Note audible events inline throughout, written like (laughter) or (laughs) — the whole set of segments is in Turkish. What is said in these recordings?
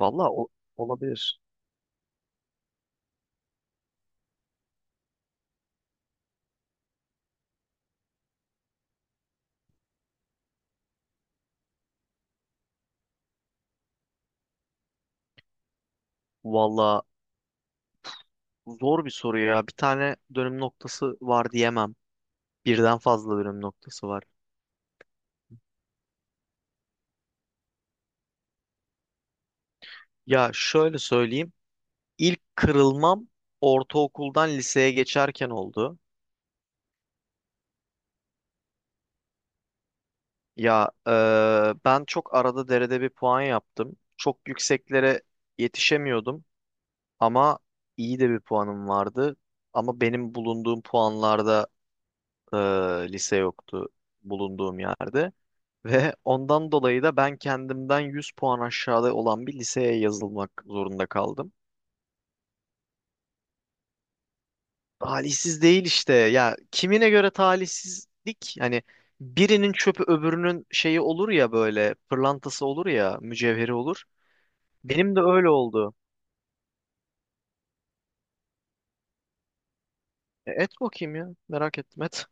Valla olabilir. Valla zor bir soru ya. Bir tane dönüm noktası var diyemem. Birden fazla dönüm noktası var. Ya şöyle söyleyeyim. İlk kırılmam ortaokuldan liseye geçerken oldu. Ya ben çok arada derede bir puan yaptım. Çok yükseklere yetişemiyordum ama iyi de bir puanım vardı. Ama benim bulunduğum puanlarda e, lise yoktu bulunduğum yerde. Ve ondan dolayı da ben kendimden 100 puan aşağıda olan bir liseye yazılmak zorunda kaldım. Talihsiz değil işte. Ya kimine göre talihsizlik? Hani birinin çöpü öbürünün şeyi olur ya, böyle pırlantası olur ya mücevheri olur. Benim de öyle oldu. Et bakayım ya, merak ettim, et.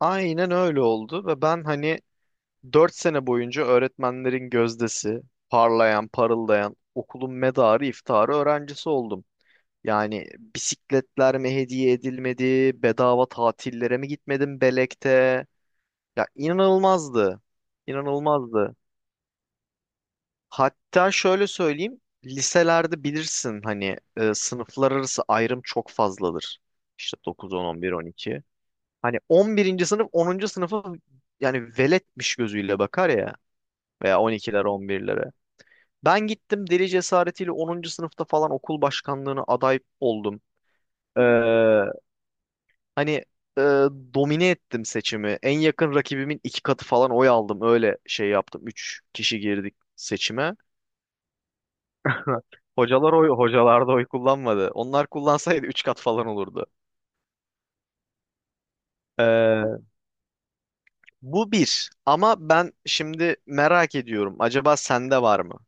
Aynen öyle oldu ve ben hani 4 sene boyunca öğretmenlerin gözdesi, parlayan, parıldayan, okulun medarı iftiharı öğrencisi oldum. Yani bisikletler mi hediye edilmedi? Bedava tatillere mi gitmedim Belek'te? Ya inanılmazdı. İnanılmazdı. Hatta şöyle söyleyeyim. Liselerde bilirsin hani sınıflar arası ayrım çok fazladır. İşte dokuz, on, on bir, on iki. Hani on birinci sınıf onuncu sınıfa yani veletmiş gözüyle bakar ya. Veya on ikiler 10 11'lere. Ben gittim deli cesaretiyle onuncu sınıfta falan okul başkanlığına aday oldum. Ee, Hani e, domine ettim seçimi. En yakın rakibimin iki katı falan oy aldım. Öyle şey yaptım. Üç kişi girdik seçime. (laughs) Hocalar oy, hocalar da oy kullanmadı. Onlar kullansaydı üç kat falan olurdu. Ee, bu bir. Ama ben şimdi merak ediyorum. Acaba sende var mı?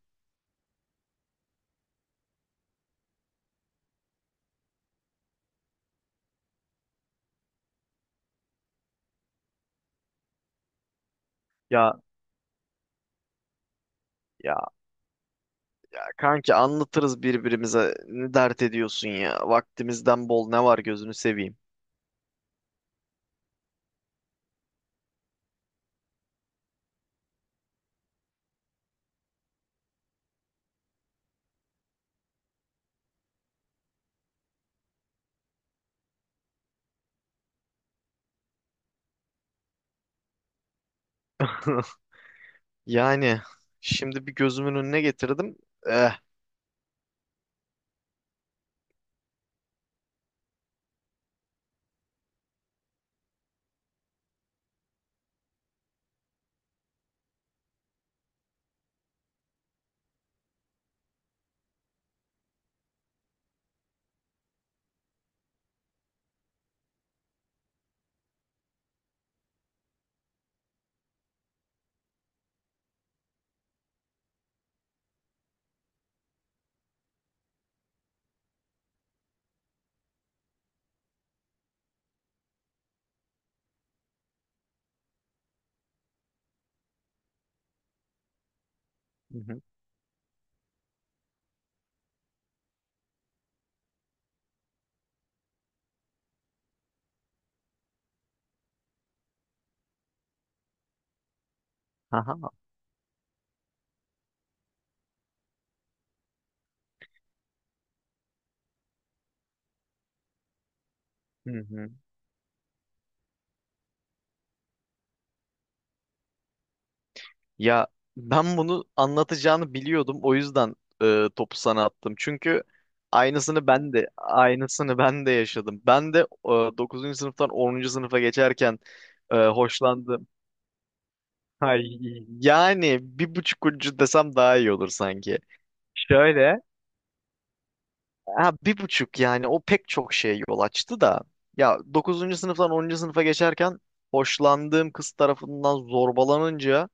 Ya ya kanki anlatırız birbirimize. Ne dert ediyorsun ya? Vaktimizden bol ne var, gözünü seveyim. (laughs) Yani şimdi bir gözümün önüne getirdim. Eh. Hı hı. Aha. Hı hı. Ya ben bunu anlatacağını biliyordum. O yüzden topu sana attım. Çünkü aynısını ben de yaşadım. Ben de 9. sınıftan onuncu sınıfa geçerken hoşlandım. (laughs) Ay, yani bir buçuk ucu desem daha iyi olur sanki. Şöyle. Ha, bir buçuk yani o pek çok şeye yol açtı da. Ya dokuzuncu sınıftan onuncu sınıfa geçerken hoşlandığım kız tarafından zorbalanınca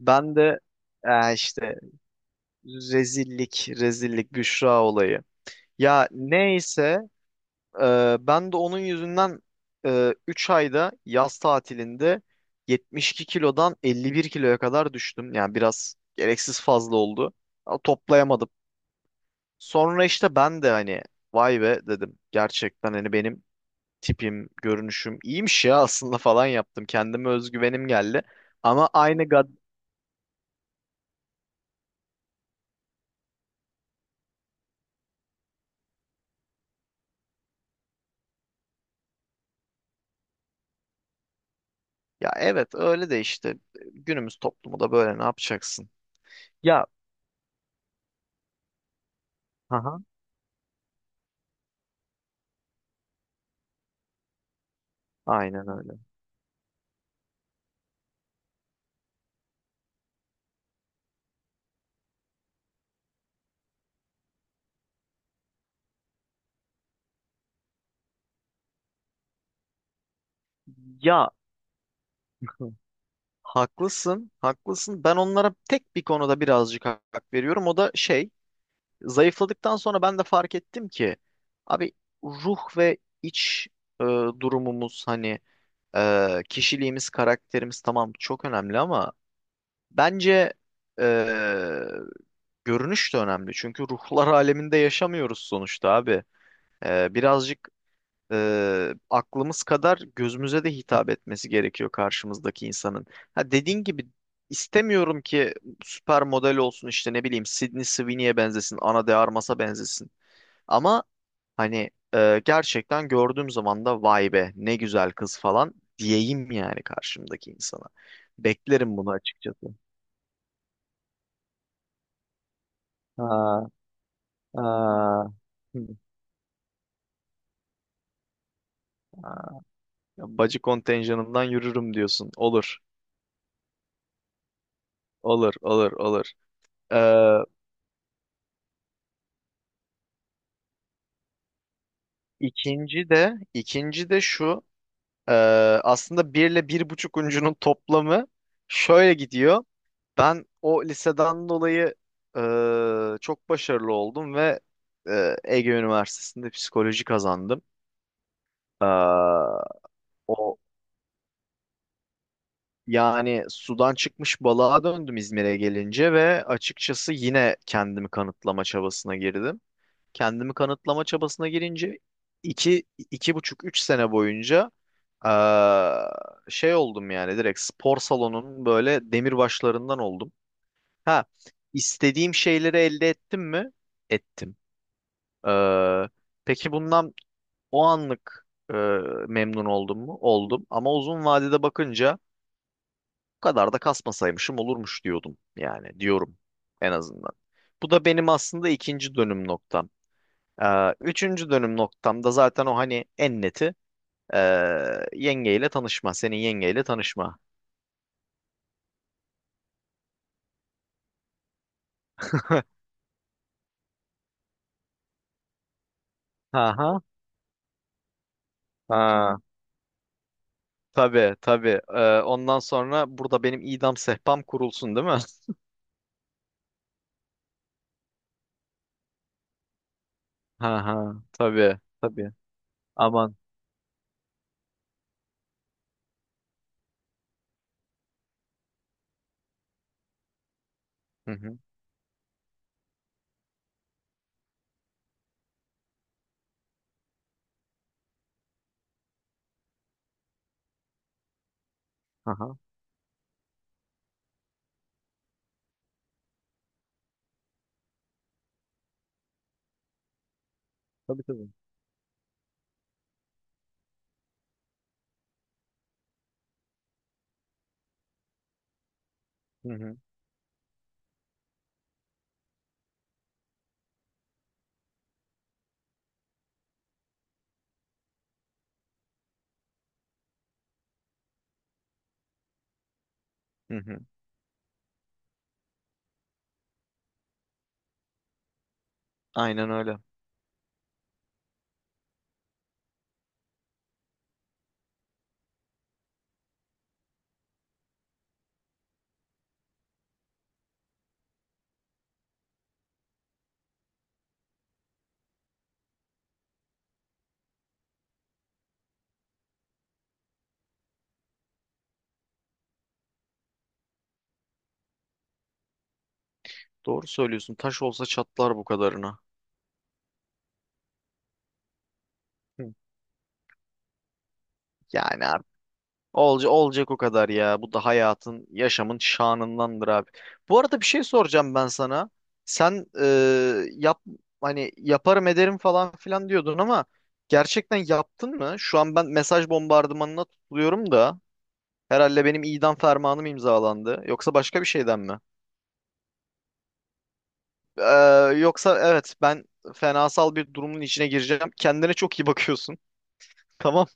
ben de işte rezillik, rezillik, Büşra olayı. Ya neyse ben de onun yüzünden 3 ayda yaz tatilinde 72 kilodan 51 kiloya kadar düştüm. Yani biraz gereksiz fazla oldu. Ama toplayamadım. Sonra işte ben de hani vay be dedim. Gerçekten hani benim tipim, görünüşüm iyiymiş ya aslında (laughs) falan yaptım. Kendime özgüvenim geldi. Ama aynı gad... Ya evet, öyle de işte günümüz toplumu da böyle, ne yapacaksın? Ya aynen öyle. Ya haklısın, haklısın. Ben onlara tek bir konuda birazcık hak veriyorum. O da şey, zayıfladıktan sonra ben de fark ettim ki abi ruh ve iç e, durumumuz hani kişiliğimiz, karakterimiz tamam çok önemli ama bence e, görünüş de önemli. Çünkü ruhlar (laughs) aleminde yaşamıyoruz sonuçta abi. Birazcık aklımız kadar gözümüze de hitap etmesi gerekiyor karşımızdaki insanın. Ha, dediğin gibi istemiyorum ki süper model olsun, işte ne bileyim, Sydney Sweeney'e benzesin, Ana de Armas'a benzesin. Ama hani gerçekten gördüğüm zaman da vay be ne güzel kız falan diyeyim yani karşımdaki insana. Beklerim bunu açıkçası. Ha, ha. Hı. Ha. Bacı kontenjanından yürürüm diyorsun. Olur, olur, olur, olur. İkinci de şu e, aslında bir ile bir buçuk uncunun toplamı şöyle gidiyor. Ben o liseden dolayı çok başarılı oldum ve Ege Üniversitesi'nde psikoloji kazandım. E, O yani sudan çıkmış balığa döndüm İzmir'e gelince ve açıkçası yine kendimi kanıtlama çabasına girdim. Kendimi kanıtlama çabasına girince iki, iki buçuk, üç sene boyunca eee, şey oldum yani, direkt spor salonunun böyle demirbaşlarından oldum. Ha, istediğim şeyleri elde ettim mi? Ettim. Eee, peki bundan o anlık eee, memnun oldum mu? Oldum. Ama uzun vadede bakınca bu kadar da kasmasaymışım olurmuş diyordum, yani diyorum en azından. Bu da benim aslında ikinci dönüm noktam. Üçüncü dönüm noktamda zaten o hani en neti ee, yengeyle tanışma. Senin yengeyle tanışma. Ha ha. Ha. Tabii tabii. Ondan sonra burada benim idam sehpam kurulsun değil mi? (laughs) Ha ha. Tabii tabii. Aman. Hı hı. Ha ha. Tabii tabii. Hı hı. Hı hı. Aynen öyle. Doğru söylüyorsun. Taş olsa çatlar bu kadarına. Hı. Yani olca, olacak o kadar ya. Bu da hayatın, yaşamın şanındandır abi. Bu arada bir şey soracağım ben sana. Sen yap hani yaparım ederim falan filan diyordun ama gerçekten yaptın mı? Şu an ben mesaj bombardımanına tutuluyorum da herhalde benim idam fermanım imzalandı. Yoksa başka bir şeyden mi? Ee, Yoksa evet ben fenasal bir durumun içine gireceğim. Kendine çok iyi bakıyorsun. (laughs) Tamam.